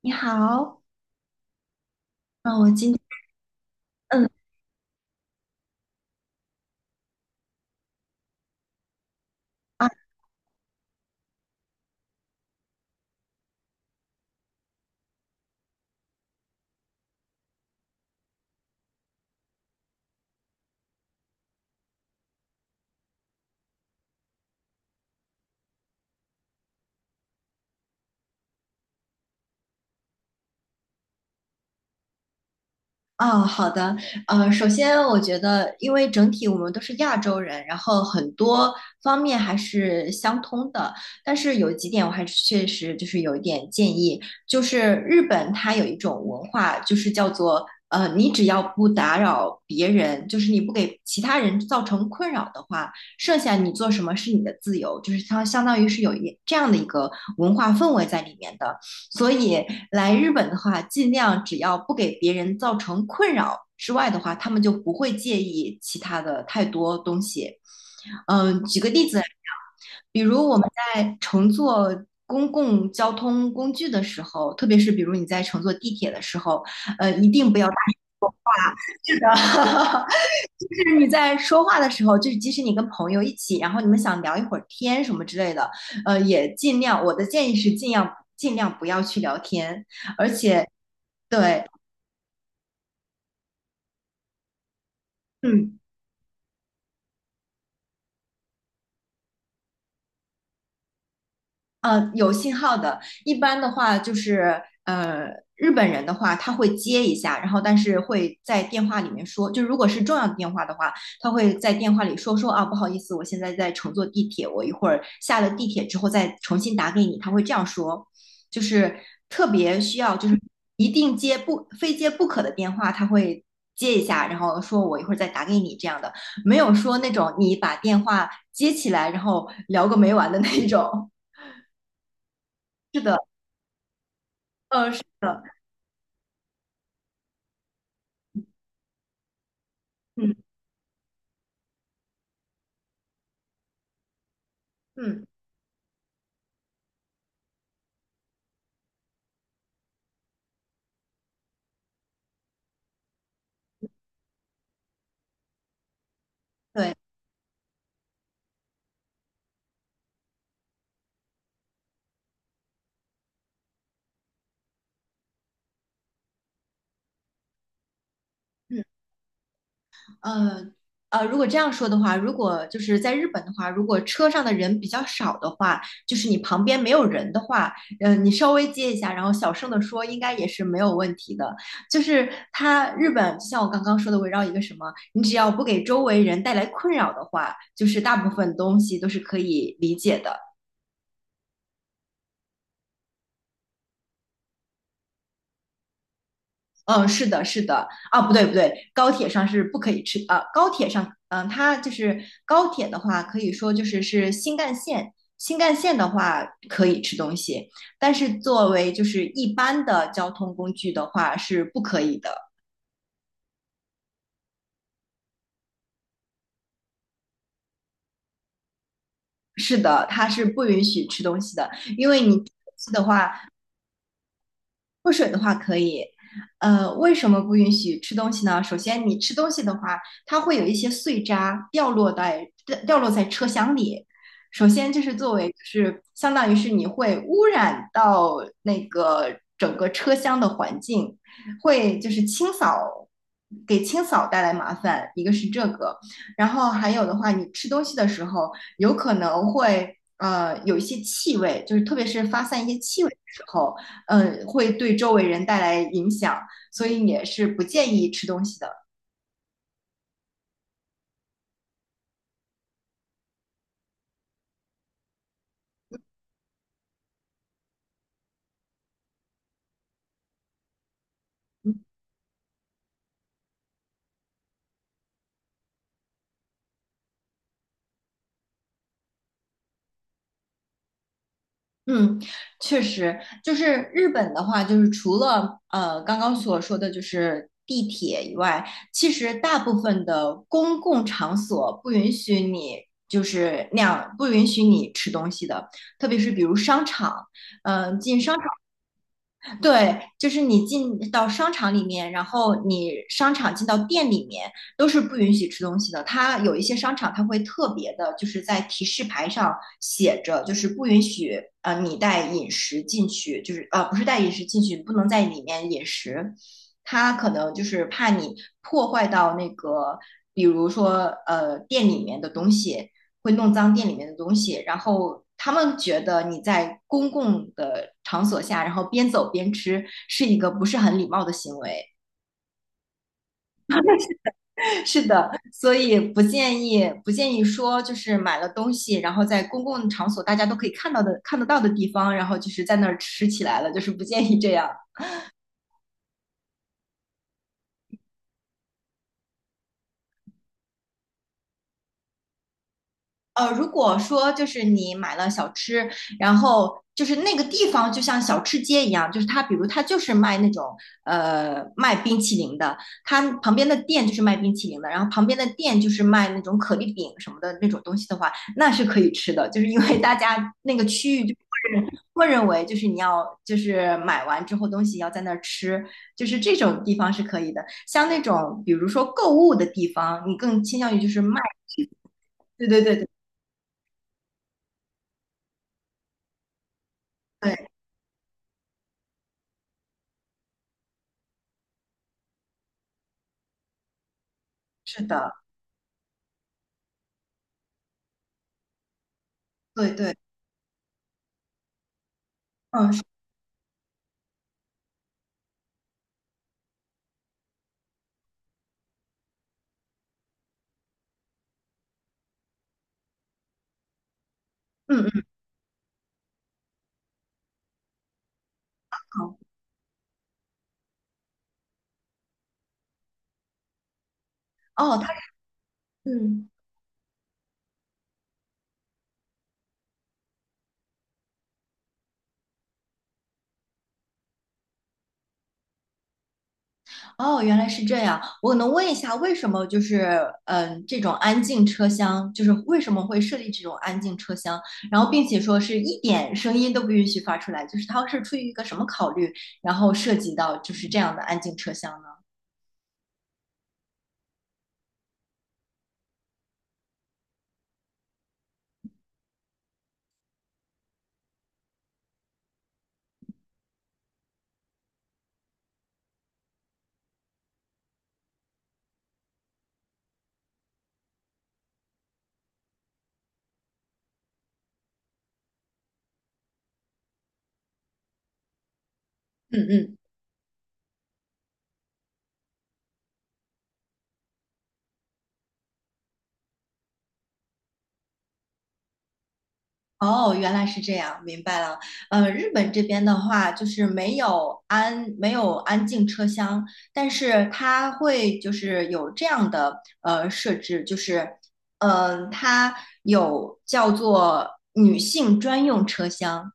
你好。嗯，我今天嗯啊。哦，好的。首先我觉得，因为整体我们都是亚洲人，然后很多方面还是相通的，但是有几点我还是确实就是有一点建议，就是日本它有一种文化，就是叫做你只要不打扰别人，就是你不给其他人造成困扰的话，剩下你做什么是你的自由，就是它相当于是这样的一个文化氛围在里面的。所以来日本的话，尽量只要不给别人造成困扰之外的话，他们就不会介意其他的太多东西。嗯，举个例子来讲，比如我们在乘坐公共交通工具的时候，特别是比如你在乘坐地铁的时候，一定不要打是的，就是你在说话的时候，就是即使你跟朋友一起，然后你们想聊一会儿天什么之类的，也尽量，我的建议是尽量尽量不要去聊天，而且对。嗯。有信号的，一般的话就是日本人的话他会接一下，然后但是会在电话里面说，就如果是重要的电话的话，他会在电话里说啊，不好意思，我现在在乘坐地铁，我一会儿下了地铁之后再重新打给你，他会这样说，就是特别需要就是一定接不非接不可的电话，他会。接一下，然后说我一会儿再打给你这样的，没有说那种你把电话接起来，然后聊个没完的那种。是的。是的。嗯嗯。对。嗯呃如果这样说的话，如果就是在日本的话，如果车上的人比较少的话，就是你旁边没有人的话，你稍微接一下，然后小声的说，应该也是没有问题的。就是它日本，就像我刚刚说的，围绕一个什么，你只要不给周围人带来困扰的话，就是大部分东西都是可以理解的。嗯，是的，是的，啊，不对，不对，高铁上是不可以吃啊。高铁上，嗯，它就是高铁的话，可以说就是是新干线，新干线的话可以吃东西，但是作为就是一般的交通工具的话是不可以的。是的，它是不允许吃东西的，因为你吃东西的话，喝水的话可以。为什么不允许吃东西呢？首先，你吃东西的话，它会有一些碎渣掉落在车厢里。首先，就是作为就是相当于是你会污染到那个整个车厢的环境，会就是清扫给清扫带来麻烦，一个是这个，然后还有的话，你吃东西的时候有可能会有一些气味，就是特别是发散一些气味的时候。嗯，会对周围人带来影响，所以也是不建议吃东西的。嗯。嗯，确实。就是日本的话，就是除了刚刚所说的就是地铁以外，其实大部分的公共场所不允许你就是那样，不允许你吃东西的，特别是比如商场，嗯、进商对，就是你进到商场里面，然后你商场进到店里面都是不允许吃东西的。它有一些商场，它会特别的，就是在提示牌上写着，就是不允许你带饮食进去，就是不是带饮食进去，不能在里面饮食。它可能就是怕你破坏到那个，比如说店里面的东西，会弄脏店里面的东西，然后他们觉得你在公共的场所下，然后边走边吃是一个不是很礼貌的行为。是的，所以不建议说就是买了东西，然后在公共场所大家都可以看得到的地方，然后就是在那儿吃起来了，就是不建议这样。如果说就是你买了小吃，然后就是那个地方就像小吃街一样，就是它，比如它就是卖那种卖冰淇淋的，它旁边的店就是卖冰淇淋的，然后旁边的店就是卖那种可丽饼什么的那种东西的话，那是可以吃的，就是因为大家那个区域就默认为就是你要就是买完之后东西要在那儿吃，就是这种地方是可以的。像那种比如说购物的地方，你更倾向于就是卖，对对对对。对是的，对对。嗯是嗯嗯。好。哦，他嗯。哦，原来是这样。我能问一下，为什么就是这种安静车厢，就是为什么会设立这种安静车厢？然后，并且说是一点声音都不允许发出来，就是它是出于一个什么考虑，然后涉及到就是这样的安静车厢呢？嗯嗯。哦，原来是这样，明白了。日本这边的话，就是没有安静车厢，但是它会就是有这样的设置，就是它有叫做女性专用车厢。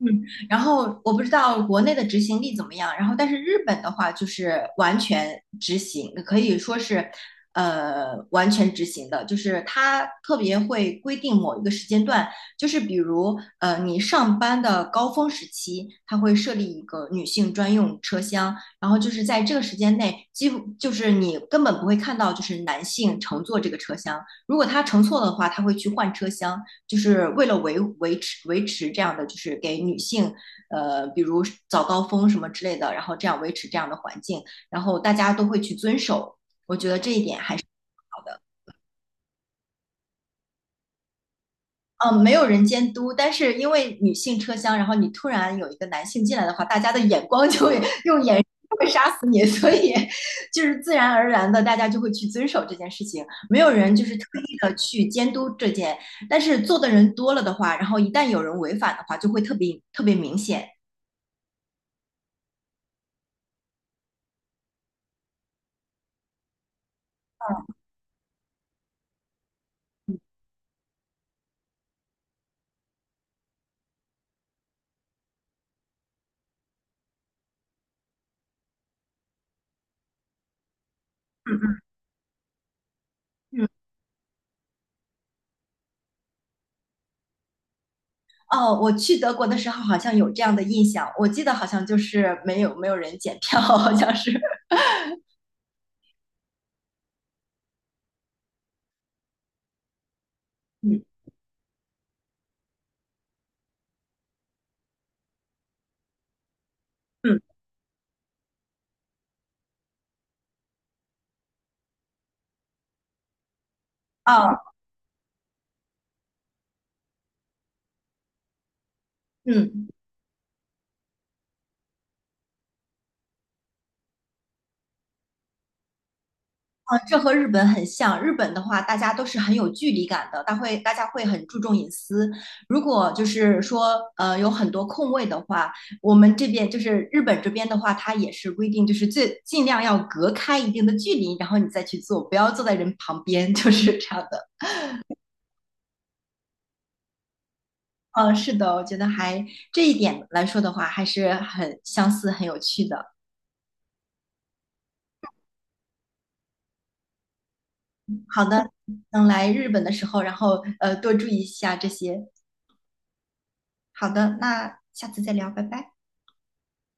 嗯。然后我不知道国内的执行力怎么样，然后但是日本的话就是完全执行，可以说是，完全执行的，就是它特别会规定某一个时间段，就是比如你上班的高峰时期，它会设立一个女性专用车厢，然后就是在这个时间内，几乎就是你根本不会看到就是男性乘坐这个车厢，如果他乘错的话，他会去换车厢，就是为了维持这样的，就是给女性，比如早高峰什么之类的，然后这样维持这样的环境，然后大家都会去遵守。我觉得这一点还是好的。嗯，没有人监督，但是因为女性车厢，然后你突然有一个男性进来的话，大家的眼光就会用眼神就会杀死你，所以就是自然而然的，大家就会去遵守这件事情，没有人就是特意的去监督这件，但是做的人多了的话，然后一旦有人违反的话，就会特别特别明显。嗯。嗯嗯。哦，我去德国的时候好像有这样的印象，我记得好像就是没有人检票，好像是。嗯嗯。哦。嗯。啊，这和日本很像。日本的话，大家都是很有距离感的，大家会很注重隐私。如果就是说，有很多空位的话，我们这边就是日本这边的话，它也是规定，就是最尽量要隔开一定的距离，然后你再去做，不要坐在人旁边，就是这样的。嗯，是的，我觉得还这一点来说的话，还是很相似、很有趣的。好的，等来日本的时候，然后多注意一下这些。好的，那下次再聊，拜拜。